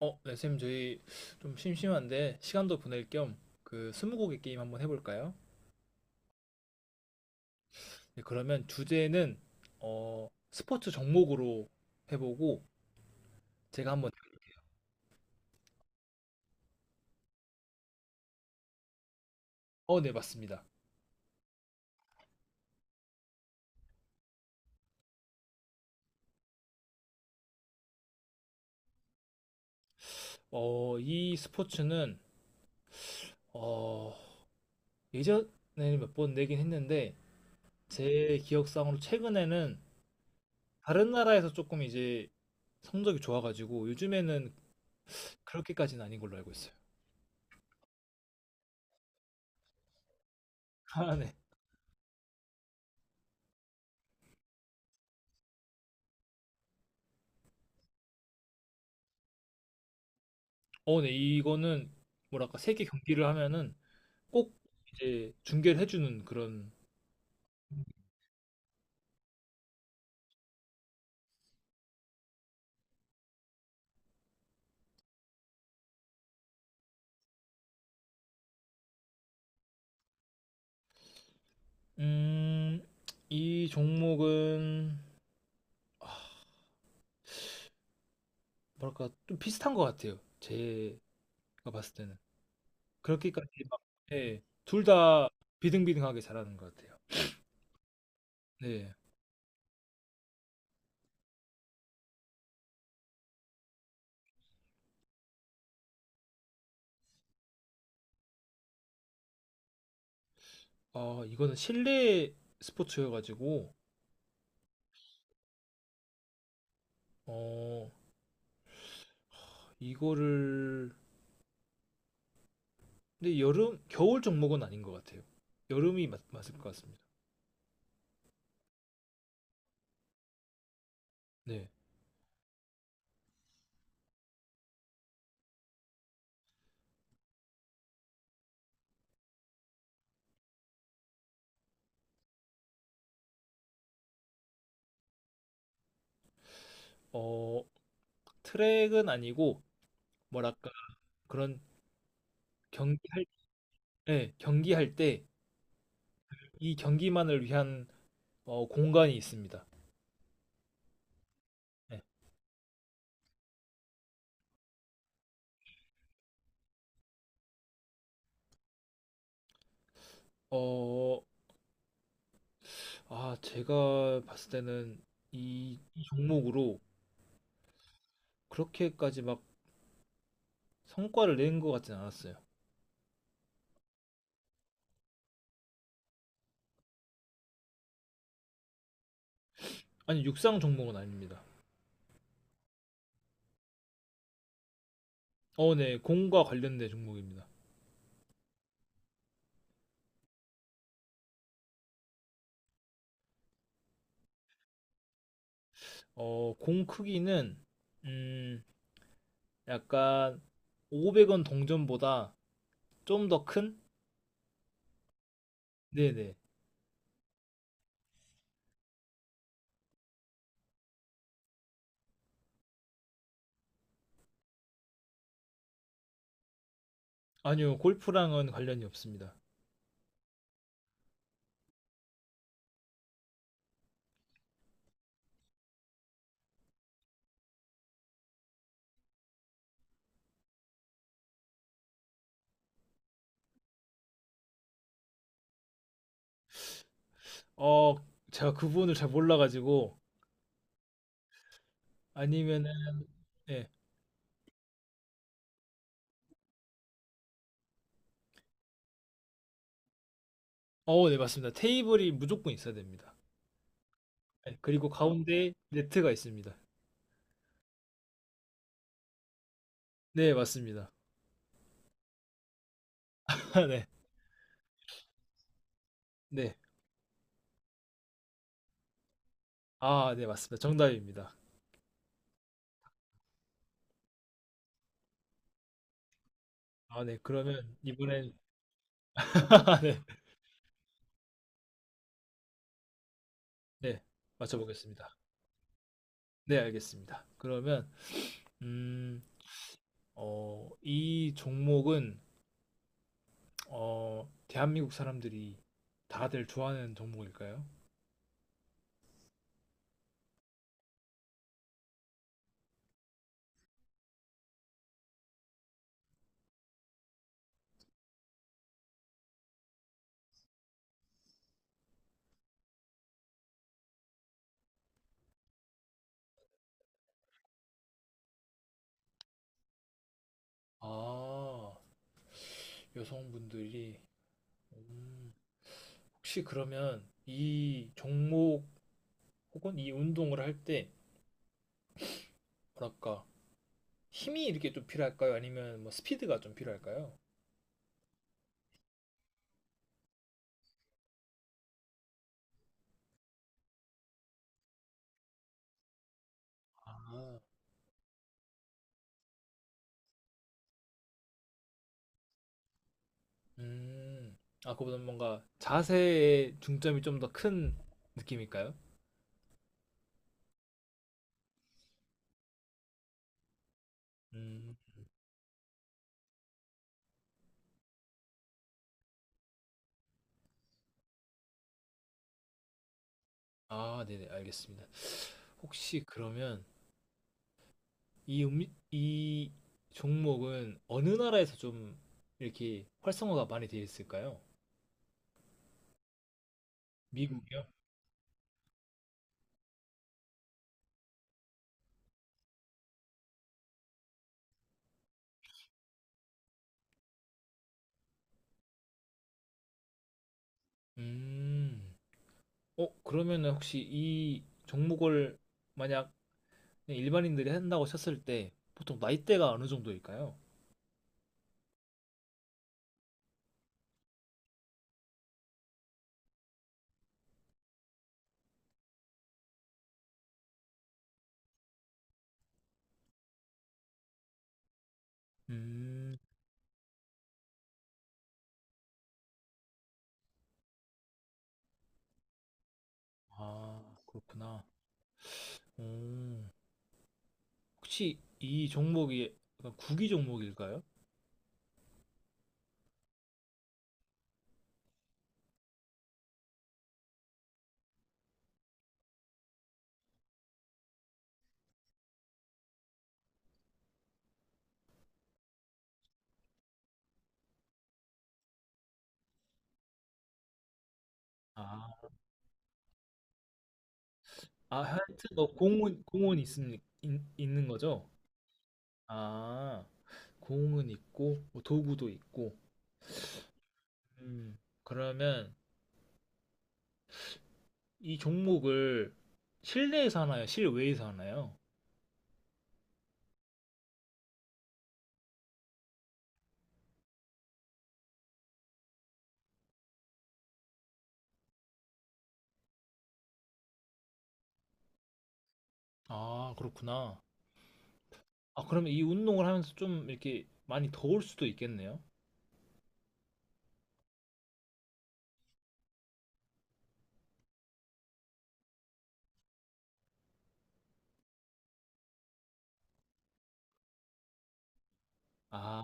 네, 쌤, 저희 좀 심심한데 시간도 보낼 겸 그 스무고개 게임 한번 해볼까요? 네, 그러면 주제는 스포츠 종목으로 해보고 제가 한번. 네, 맞습니다. 이 스포츠는 어, 예전에는 몇 번 내긴 했는데 제 기억상으로 최근에는 다른 나라에서 조금 이제 성적이 좋아가지고 요즘에는 그렇게까지는 아닌 걸로 알고 있어요. 아, 네. 네, 이거는 뭐랄까 세계 경기를 하면은 꼭 이제 중계를 해주는 그런. 음, 이 종목은 뭐랄까 좀 비슷한 것 같아요. 제가 봤을 때는 그렇게까지 막. 네, 둘다 비등비등하게 잘하는 것 같아요. 네, 이거는 실내 스포츠여가지고. 어, 이거를 근데 여름 겨울 종목은 아닌 것 같아요. 여름이 맞을 것 같습니다. 네, 어, 트랙은 아니고 뭐랄까 그런 경기할. 네, 경기할 때 이 경기만을 위한 공간이 있습니다. 네. 어, 아, 제가 봤을 때는 이 종목으로 그렇게까지 막 성과를 낸 것 같진 않았어요. 아니, 육상 종목은 아닙니다. 네, 공과 관련된 종목입니다. 공 크기는 음, 약간 500원 동전보다 좀 더 큰? 네네. 아니요, 골프랑은 관련이 없습니다. 어, 제가 그 부분을 잘 몰라가지고 아니면은. 예, 네, 맞습니다. 테이블이 무조건 있어야 됩니다. 네, 그리고 가운데 네트가 있습니다. 네, 맞습니다. 네, 네. 아, 네, 맞습니다. 정답입니다. 아, 네, 그러면 이번엔. 네, 네, 맞춰보겠습니다. 네, 알겠습니다. 그러면, 음, 이 종목은, 대한민국 사람들이 다들 좋아하는 종목일까요? 아, 여성분들이. 음, 혹시 그러면 이 종목 혹은 이 운동을 할 때, 뭐랄까 힘이 이렇게 좀 필요할까요? 아니면 뭐 스피드가 좀 필요할까요? 아, 음, 아 그보다 뭔가 자세에 중점이 좀 더 큰 느낌일까요? 음, 아 네네 알겠습니다. 혹시 그러면 이 종목은 어느 나라에서 좀 이렇게 활성화가 많이 되어 있을까요? 음. 미국이요? 음, 그러면 혹시 이 종목을 만약 그냥 일반인들이 한다고 쳤을 때 보통 나이대가 어느 정도일까요? 음, 아, 그렇구나. 오, 혹시 이 종목이 약간 구기 종목일까요? 아, 아, 하여튼 뭐 공은 있는 거죠? 아, 공은 있고 뭐 도구도 있고. 음, 그러면 이 종목을 실내에서 하나요? 실외에서 하나요? 아, 그렇구나. 아, 그러면 이 운동을 하면서 좀 이렇게 많이 더울 수도 있겠네요. 아,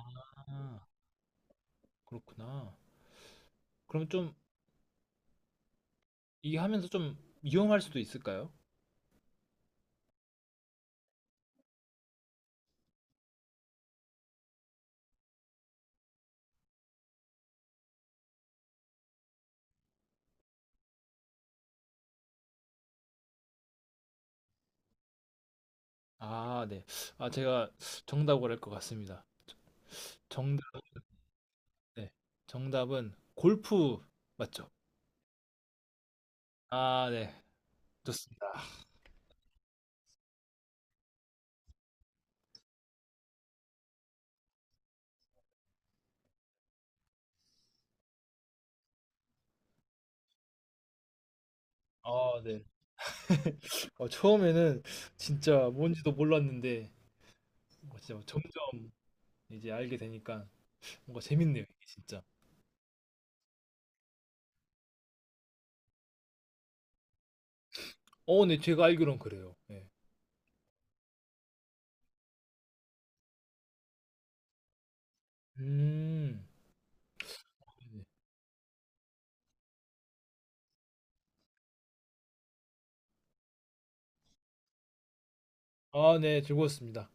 그렇구나. 그럼 좀 이게 하면서 좀 위험할 수도 있을까요? 아, 네. 아, 제가 정답을 할 것 같습니다. 정답, 네. 정답은 골프 맞죠? 아, 네. 좋습니다. 아, 네. 처음에는 진짜 뭔지도 몰랐는데 진짜 점점 이제 알게 되니까 뭔가 재밌네요, 이게 진짜. 네. 제가 알기론 그래요. 네. 음. 네. 아, 네. 즐거웠습니다.